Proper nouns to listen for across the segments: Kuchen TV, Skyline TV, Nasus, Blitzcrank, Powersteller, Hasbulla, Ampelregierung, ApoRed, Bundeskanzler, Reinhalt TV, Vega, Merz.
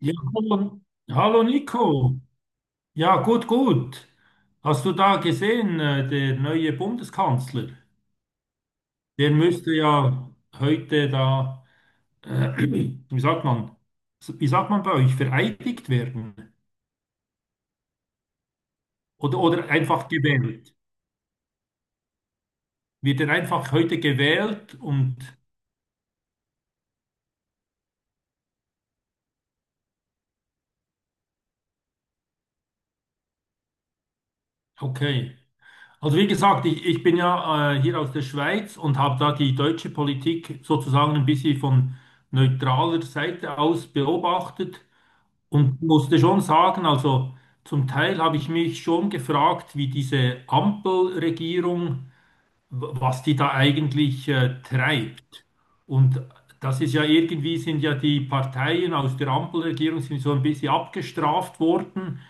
Ja, hallo, hallo Nico. Ja, gut, gut. Hast du da gesehen, der neue Bundeskanzler? Der müsste ja heute da, äh, wie sagt man, wie sagt man bei euch, vereidigt werden oder einfach gewählt. Wird er einfach heute gewählt und okay. Also wie gesagt, ich bin ja hier aus der Schweiz und habe da die deutsche Politik sozusagen ein bisschen von neutraler Seite aus beobachtet. Und musste schon sagen, also zum Teil habe ich mich schon gefragt, wie diese Ampelregierung, was die da eigentlich treibt. Und das ist ja irgendwie, sind ja die Parteien aus der Ampelregierung sind so ein bisschen abgestraft worden.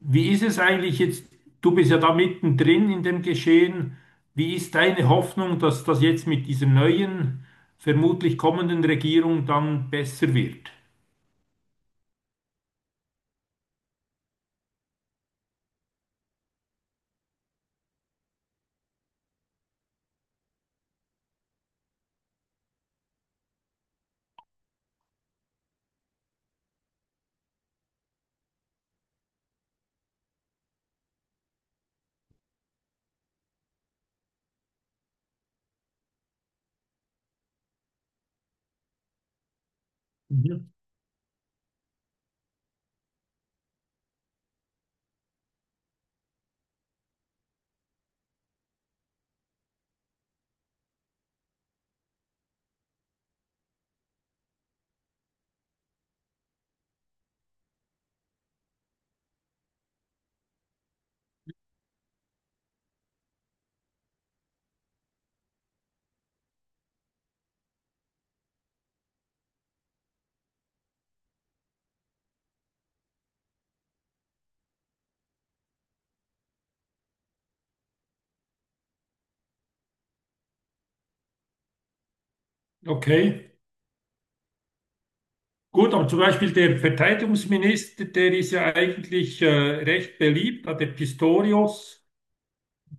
Wie ist es eigentlich jetzt? Du bist ja da mittendrin in dem Geschehen. Wie ist deine Hoffnung, dass das jetzt mit dieser neuen, vermutlich kommenden Regierung dann besser wird? Mhm. Okay. Gut, aber zum Beispiel der Verteidigungsminister, der ist ja eigentlich recht beliebt, der Pistorius.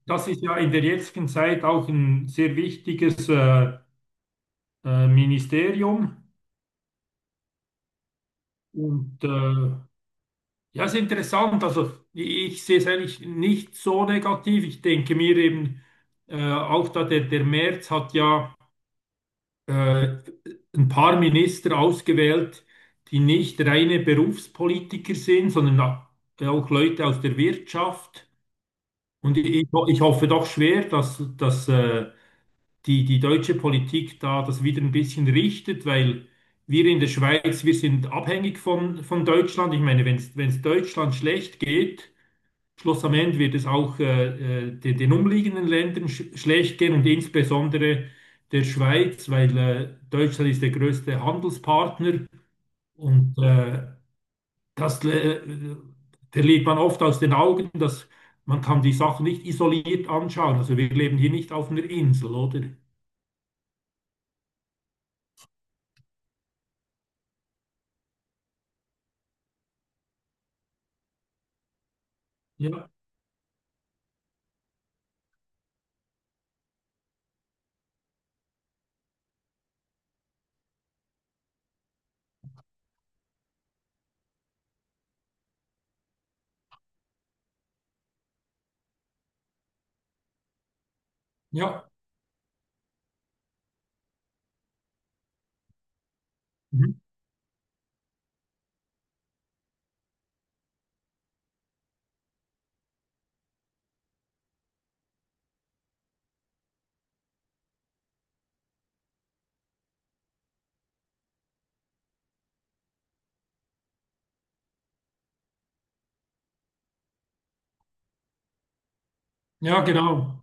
Das ist ja in der jetzigen Zeit auch ein sehr wichtiges Ministerium. Und ja, ist interessant. Also ich sehe es eigentlich nicht so negativ. Ich denke mir eben auch, da der, der Merz hat ja äh, ein paar Minister ausgewählt, die nicht reine Berufspolitiker sind, sondern auch Leute aus der Wirtschaft. Und ich hoffe doch schwer, dass, dass die, die deutsche Politik da das wieder ein bisschen richtet, weil wir in der Schweiz, wir sind abhängig von Deutschland. Ich meine, wenn es Deutschland schlecht geht, Schluss am Ende wird es auch den, den umliegenden Ländern schlecht gehen und insbesondere der Schweiz, weil Deutschland ist der größte Handelspartner und das verliert man oft aus den Augen, dass man kann die Sachen nicht isoliert anschauen. Also wir leben hier nicht auf einer Insel, oder? Ja, ja, mhm. Ja, genau.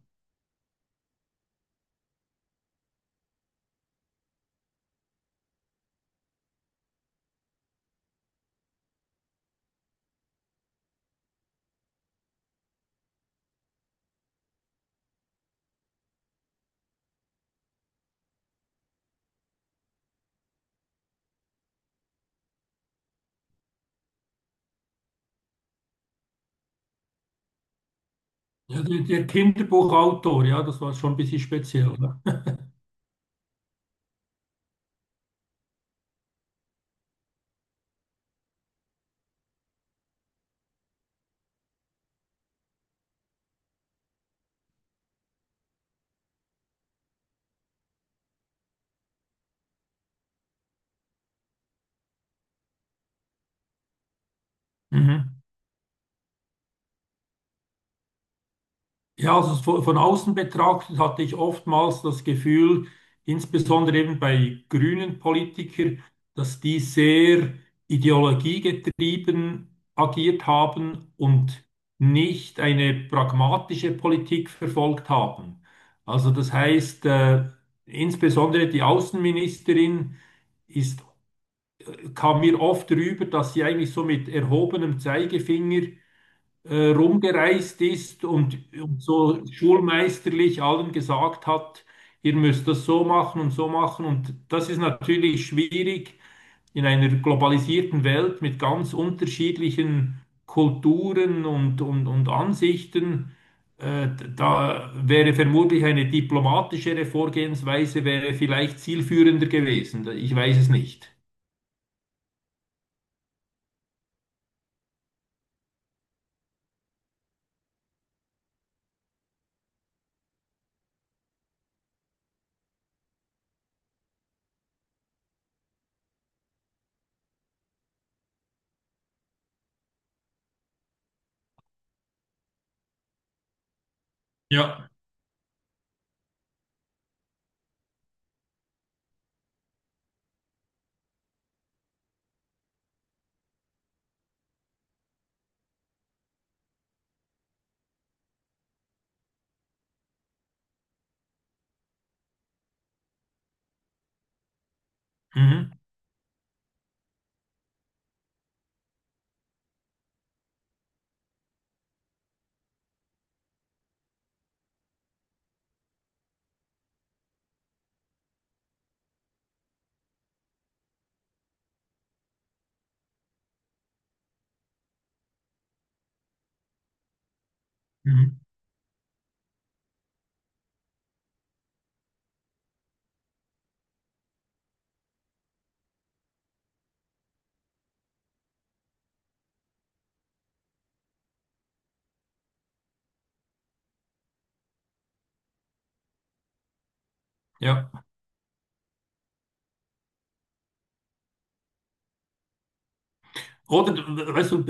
Ja, der, der Kinderbuchautor, ja, das war schon ein bisschen speziell. Ne? Mhm. Ja, also so von außen betrachtet hatte ich oftmals das Gefühl, insbesondere eben bei grünen Politikern, dass die sehr ideologiegetrieben agiert haben und nicht eine pragmatische Politik verfolgt haben. Also das heißt, insbesondere die Außenministerin ist, kam mir oft rüber, dass sie eigentlich so mit erhobenem Zeigefinger rumgereist ist und so schulmeisterlich allen gesagt hat, ihr müsst das so machen. Und das ist natürlich schwierig in einer globalisierten Welt mit ganz unterschiedlichen Kulturen und Ansichten. Äh, Da wäre vermutlich eine diplomatischere Vorgehensweise wäre vielleicht zielführender gewesen. Ich weiß es nicht. Ja. Mhm. Mhm. Ja. Oder, weißt du,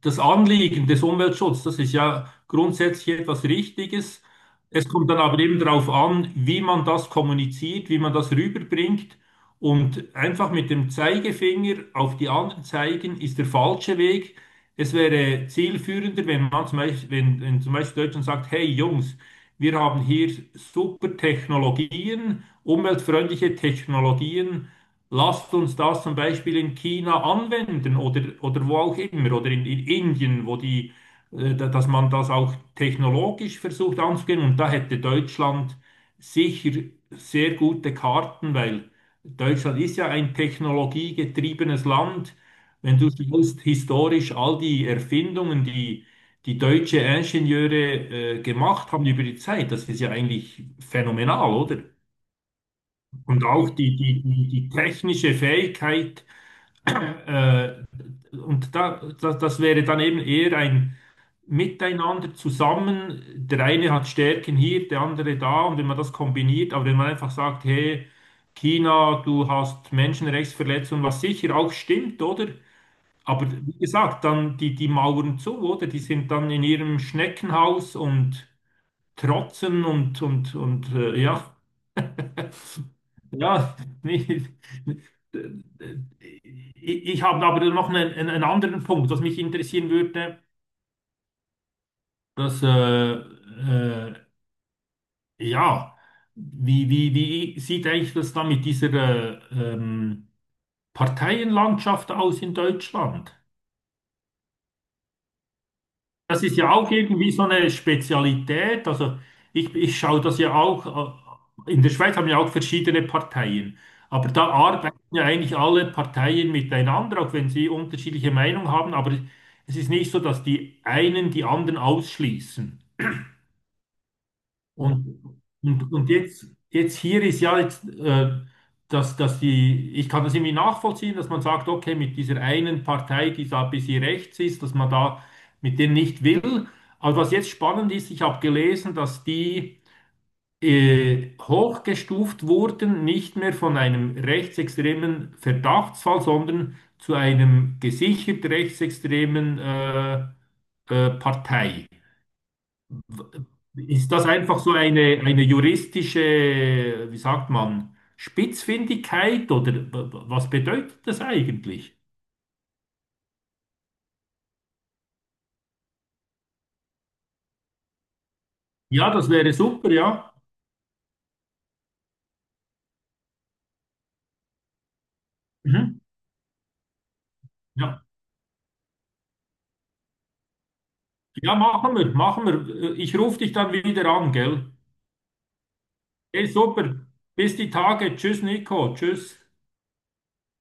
das Anliegen des Umweltschutzes, das ist ja grundsätzlich etwas Richtiges. Es kommt dann aber eben darauf an, wie man das kommuniziert, wie man das rüberbringt. Und einfach mit dem Zeigefinger auf die anderen zeigen, ist der falsche Weg. Es wäre zielführender, wenn man zum Beispiel, wenn, wenn zum Beispiel Deutschland sagt, hey Jungs, wir haben hier super Technologien, umweltfreundliche Technologien. Lasst uns das zum Beispiel in China anwenden oder wo auch immer oder in Indien, wo die, dass man das auch technologisch versucht anzugehen. Und da hätte Deutschland sicher sehr gute Karten, weil Deutschland ist ja ein technologiegetriebenes Land. Wenn du siehst, historisch all die Erfindungen, die deutsche Ingenieure gemacht haben über die Zeit, das ist ja eigentlich phänomenal, oder? Und auch die technische Fähigkeit, äh, und da, das, das wäre dann eben eher ein Miteinander zusammen. Der eine hat Stärken hier, der andere da, und wenn man das kombiniert, aber wenn man einfach sagt, hey, China, du hast Menschenrechtsverletzungen, was sicher auch stimmt, oder? Aber wie gesagt, dann die, die Mauern zu, oder? Die sind dann in ihrem Schneckenhaus und trotzen und ja. Ja, nee, ich habe aber noch einen, einen anderen Punkt, was mich interessieren würde, dass, äh, äh, ja, wie, wie, wie sieht eigentlich das da mit dieser äh, ähm, Parteienlandschaft aus in Deutschland? Das ist ja auch irgendwie so eine Spezialität. Also ich schaue das ja auch, in der Schweiz haben wir auch verschiedene Parteien, aber da arbeiten ja eigentlich alle Parteien miteinander, auch wenn sie unterschiedliche Meinungen haben, aber es ist nicht so, dass die einen die anderen ausschließen. Und, und jetzt, jetzt hier ist ja jetzt, dass, dass die, ich kann das irgendwie nachvollziehen, dass man sagt, okay, mit dieser einen Partei, die da ein bisschen rechts ist, dass man da mit denen nicht will. Aber was jetzt spannend ist, ich habe gelesen, dass die hochgestuft wurden, nicht mehr von einem rechtsextremen Verdachtsfall, sondern zu einem gesichert rechtsextremen Partei. Ist das einfach so eine juristische, wie sagt man, Spitzfindigkeit oder was bedeutet das eigentlich? Ja, das wäre super, ja. Mhm. Ja, ja, machen wir, machen wir. Ich rufe dich dann wieder an, gell? Hey, super. Bis die Tage. Tschüss, Nico. Tschüss.